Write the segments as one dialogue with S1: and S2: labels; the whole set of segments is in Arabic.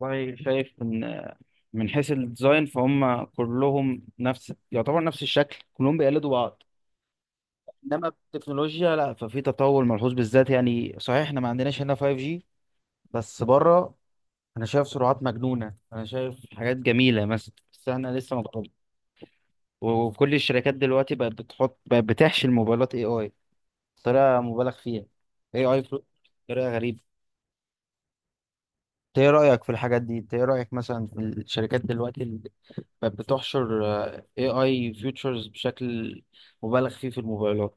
S1: والله شايف ان من حيث الديزاين فهم كلهم نفس، يعتبر نفس الشكل، كلهم بيقلدوا بعض. انما التكنولوجيا لا، ففي تطور ملحوظ بالذات. يعني صحيح احنا ما عندناش هنا 5G، بس بره انا شايف سرعات مجنونة، انا شايف حاجات جميلة مثلا، بس احنا لسه ما جربنا. وكل الشركات دلوقتي بقت بتحشي الموبايلات اي اي بطريقة مبالغ فيها. اي اي بطريقة غريبة. انت ايه رأيك في الحاجات دي؟ انت ايه رأيك مثلا في الشركات دلوقتي بقت بتحشر AI features بشكل مبالغ فيه في الموبايلات؟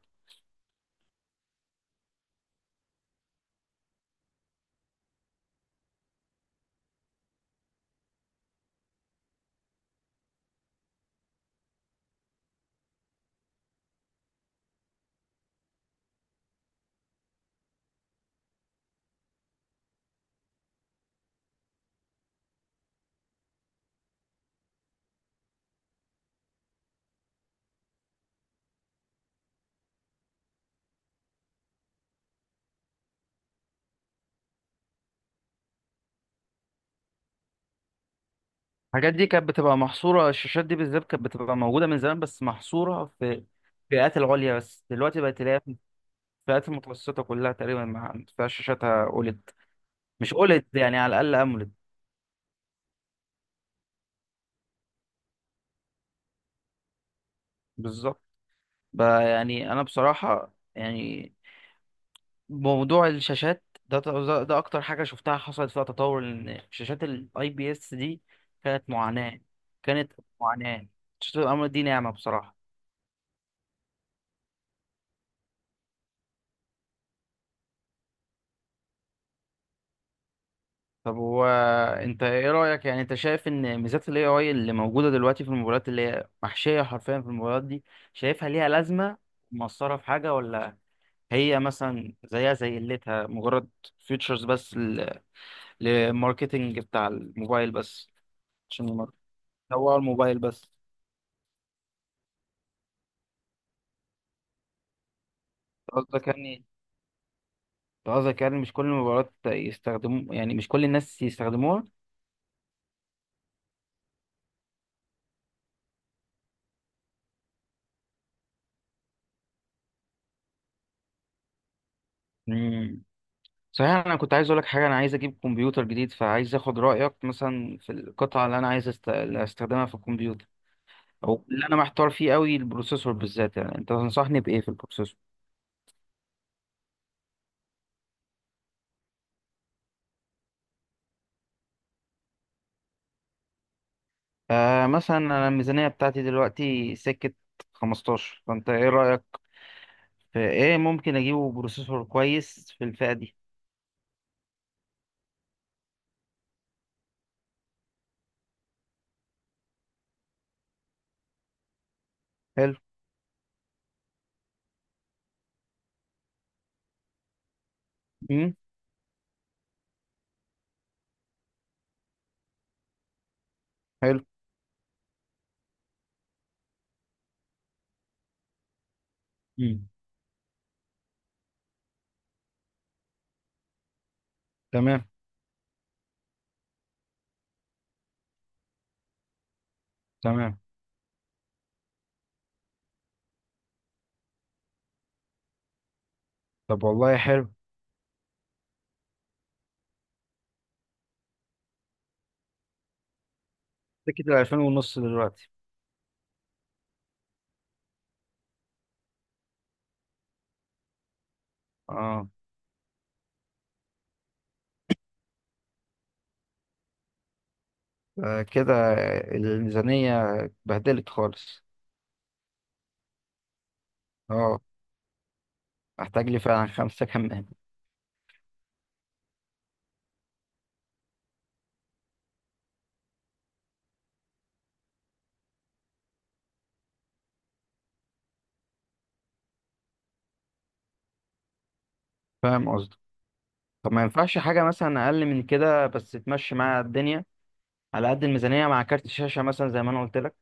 S1: الحاجات دي كانت بتبقى محصورة، الشاشات دي بالذات كانت بتبقى موجودة من زمان بس محصورة في الفئات العليا بس. دلوقتي بقت تلاقيها في الفئات المتوسطة كلها تقريبا، ما فيهاش شاشاتها أولد. مش أولد يعني، على الأقل أمولد. بالظبط. بقى يعني أنا بصراحة يعني موضوع الشاشات ده اكتر حاجه شفتها حصلت فيها تطور. ان شاشات الاي بي اس دي كانت معاناه كانت معاناه، شاشات الامر دي نعمه بصراحه. طب هو انت ايه رايك؟ يعني انت شايف ان ميزات الاي اي اللي موجوده دلوقتي في الموبايلات، اللي هي محشيه حرفيا في الموبايلات دي، شايفها ليها لازمه، مؤثره في حاجه، ولا هي مثلا زيها زي قلتها مجرد فيتشرز بس للماركتنج بتاع الموبايل بس، عشان يمر- يسوقوا الموبايل بس؟ قصدك يعني أنت قصدك يعني مش كل المباريات يستخدموا، يعني مش كل الناس يستخدموها؟ مم. صحيح انا كنت عايز اقول لك حاجه، انا عايز اجيب كمبيوتر جديد فعايز اخد رايك مثلا في القطعه اللي انا اللي استخدمها في الكمبيوتر. او اللي انا محتار فيه قوي البروسيسور بالذات، يعني انت تنصحني بايه في البروسيسور؟ آه، مثلا انا الميزانيه بتاعتي دلوقتي سكه 15، فانت ايه رايك؟ في ايه ممكن اجيبه بروسيسور كويس في الفئه دي؟ حلو. امم. حلو. امم. تمام. تمام. طب والله حلو. سكة الألفين ونص دلوقتي. اه. آه، كده الميزانية اتبهدلت خالص. اه، محتاج لي فعلا خمسة كمان. فاهم قصدي. طب ما ينفعش حاجة مثلا أقل من كده بس تمشي مع الدنيا، على قد الميزانية، مع كارت الشاشة مثلا زي ما أنا قلت لك؟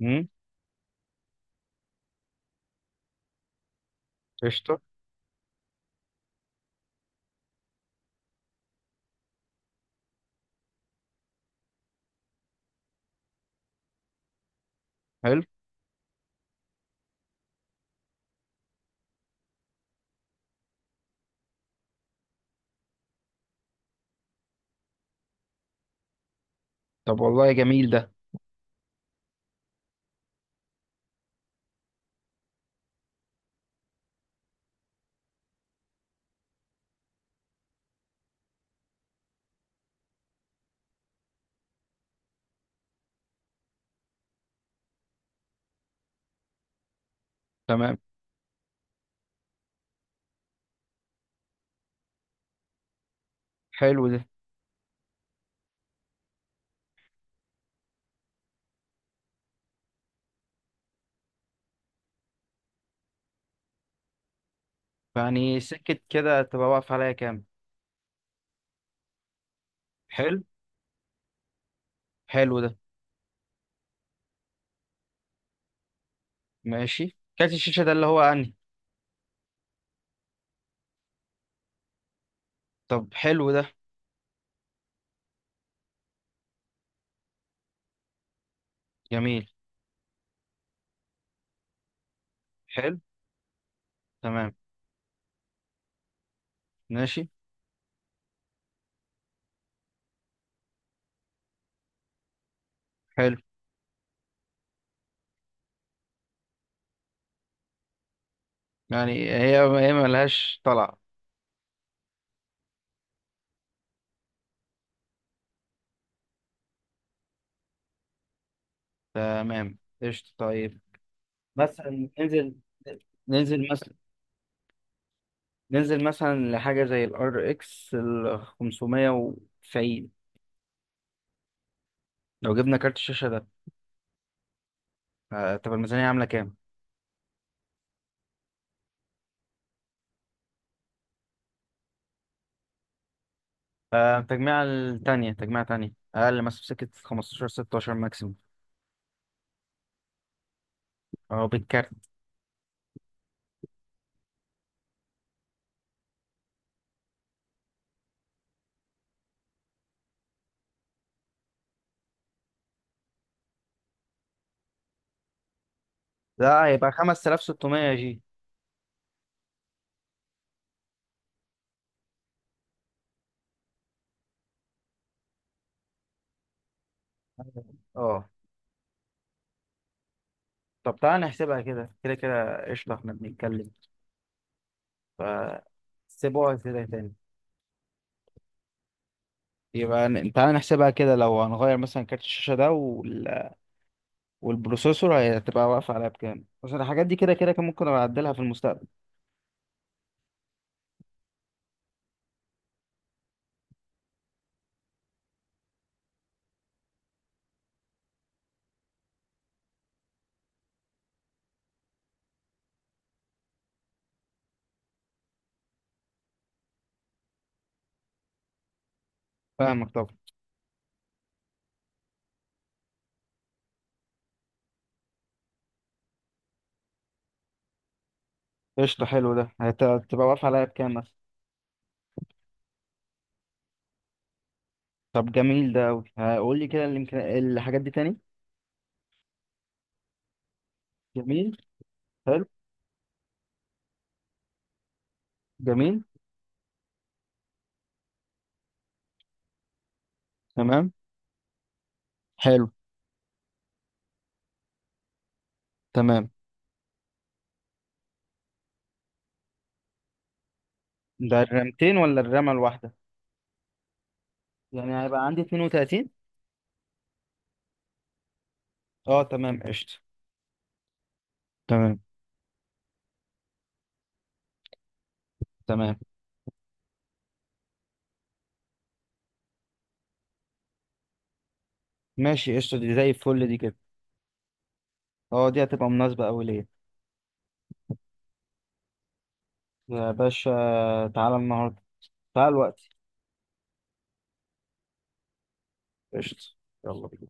S1: امم. قشطة. حلو. طب والله جميل ده. تمام. حلو ده. يعني سكة كده تبقى واقف عليا كام؟ حلو. حلو ده. ماشي، كارت الشاشة ده اللي هو أنهي؟ طب حلو ده. جميل. حلو. تمام. ماشي. حلو. يعني هي هي ملهاش طلع. تمام، قشطة. طيب مثلا ننزل مثلا ننزل مثلا لحاجة زي ال RX ال 590. لو جبنا كارت الشاشة ده، آه، طب الميزانية عاملة كام؟ آه، تجميع التانية، تجميع تانية أقل مثلا في سكة 15، 16 ماكسيموم. أه، بالكارت. ده هيبقى 5600 يا جي؟ أه. طب تعالى نحسبها كده كده كده، قشطة. إحنا بنتكلم ف سيبوها كده تاني. يبقى تعالى نحسبها كده. لو هنغير مثلا كارت الشاشة ده وال... والبروسيسور هتبقى واقفة عليها بكام؟ عشان الحاجات دي كده كده كان ممكن أبقى أعدلها في المستقبل. فاهمك طبعا. قشطة. حلو ده. هتبقى واقفة عليها بكام مثلا؟ طب جميل ده أوي. قول لي كده الحاجات دي تاني. جميل. حلو. جميل. تمام. حلو. تمام. ده الرامتين ولا الرامة الواحدة؟ يعني هيبقى عندي 32؟ اه تمام قشطة. تمام. تمام. ماشي. قشطة، دي زي الفل دي كده. اه، دي هتبقى مناسبة أوي ليا. يا باشا، تعالى النهاردة، تعال الوقت. قشطة. يلا بينا.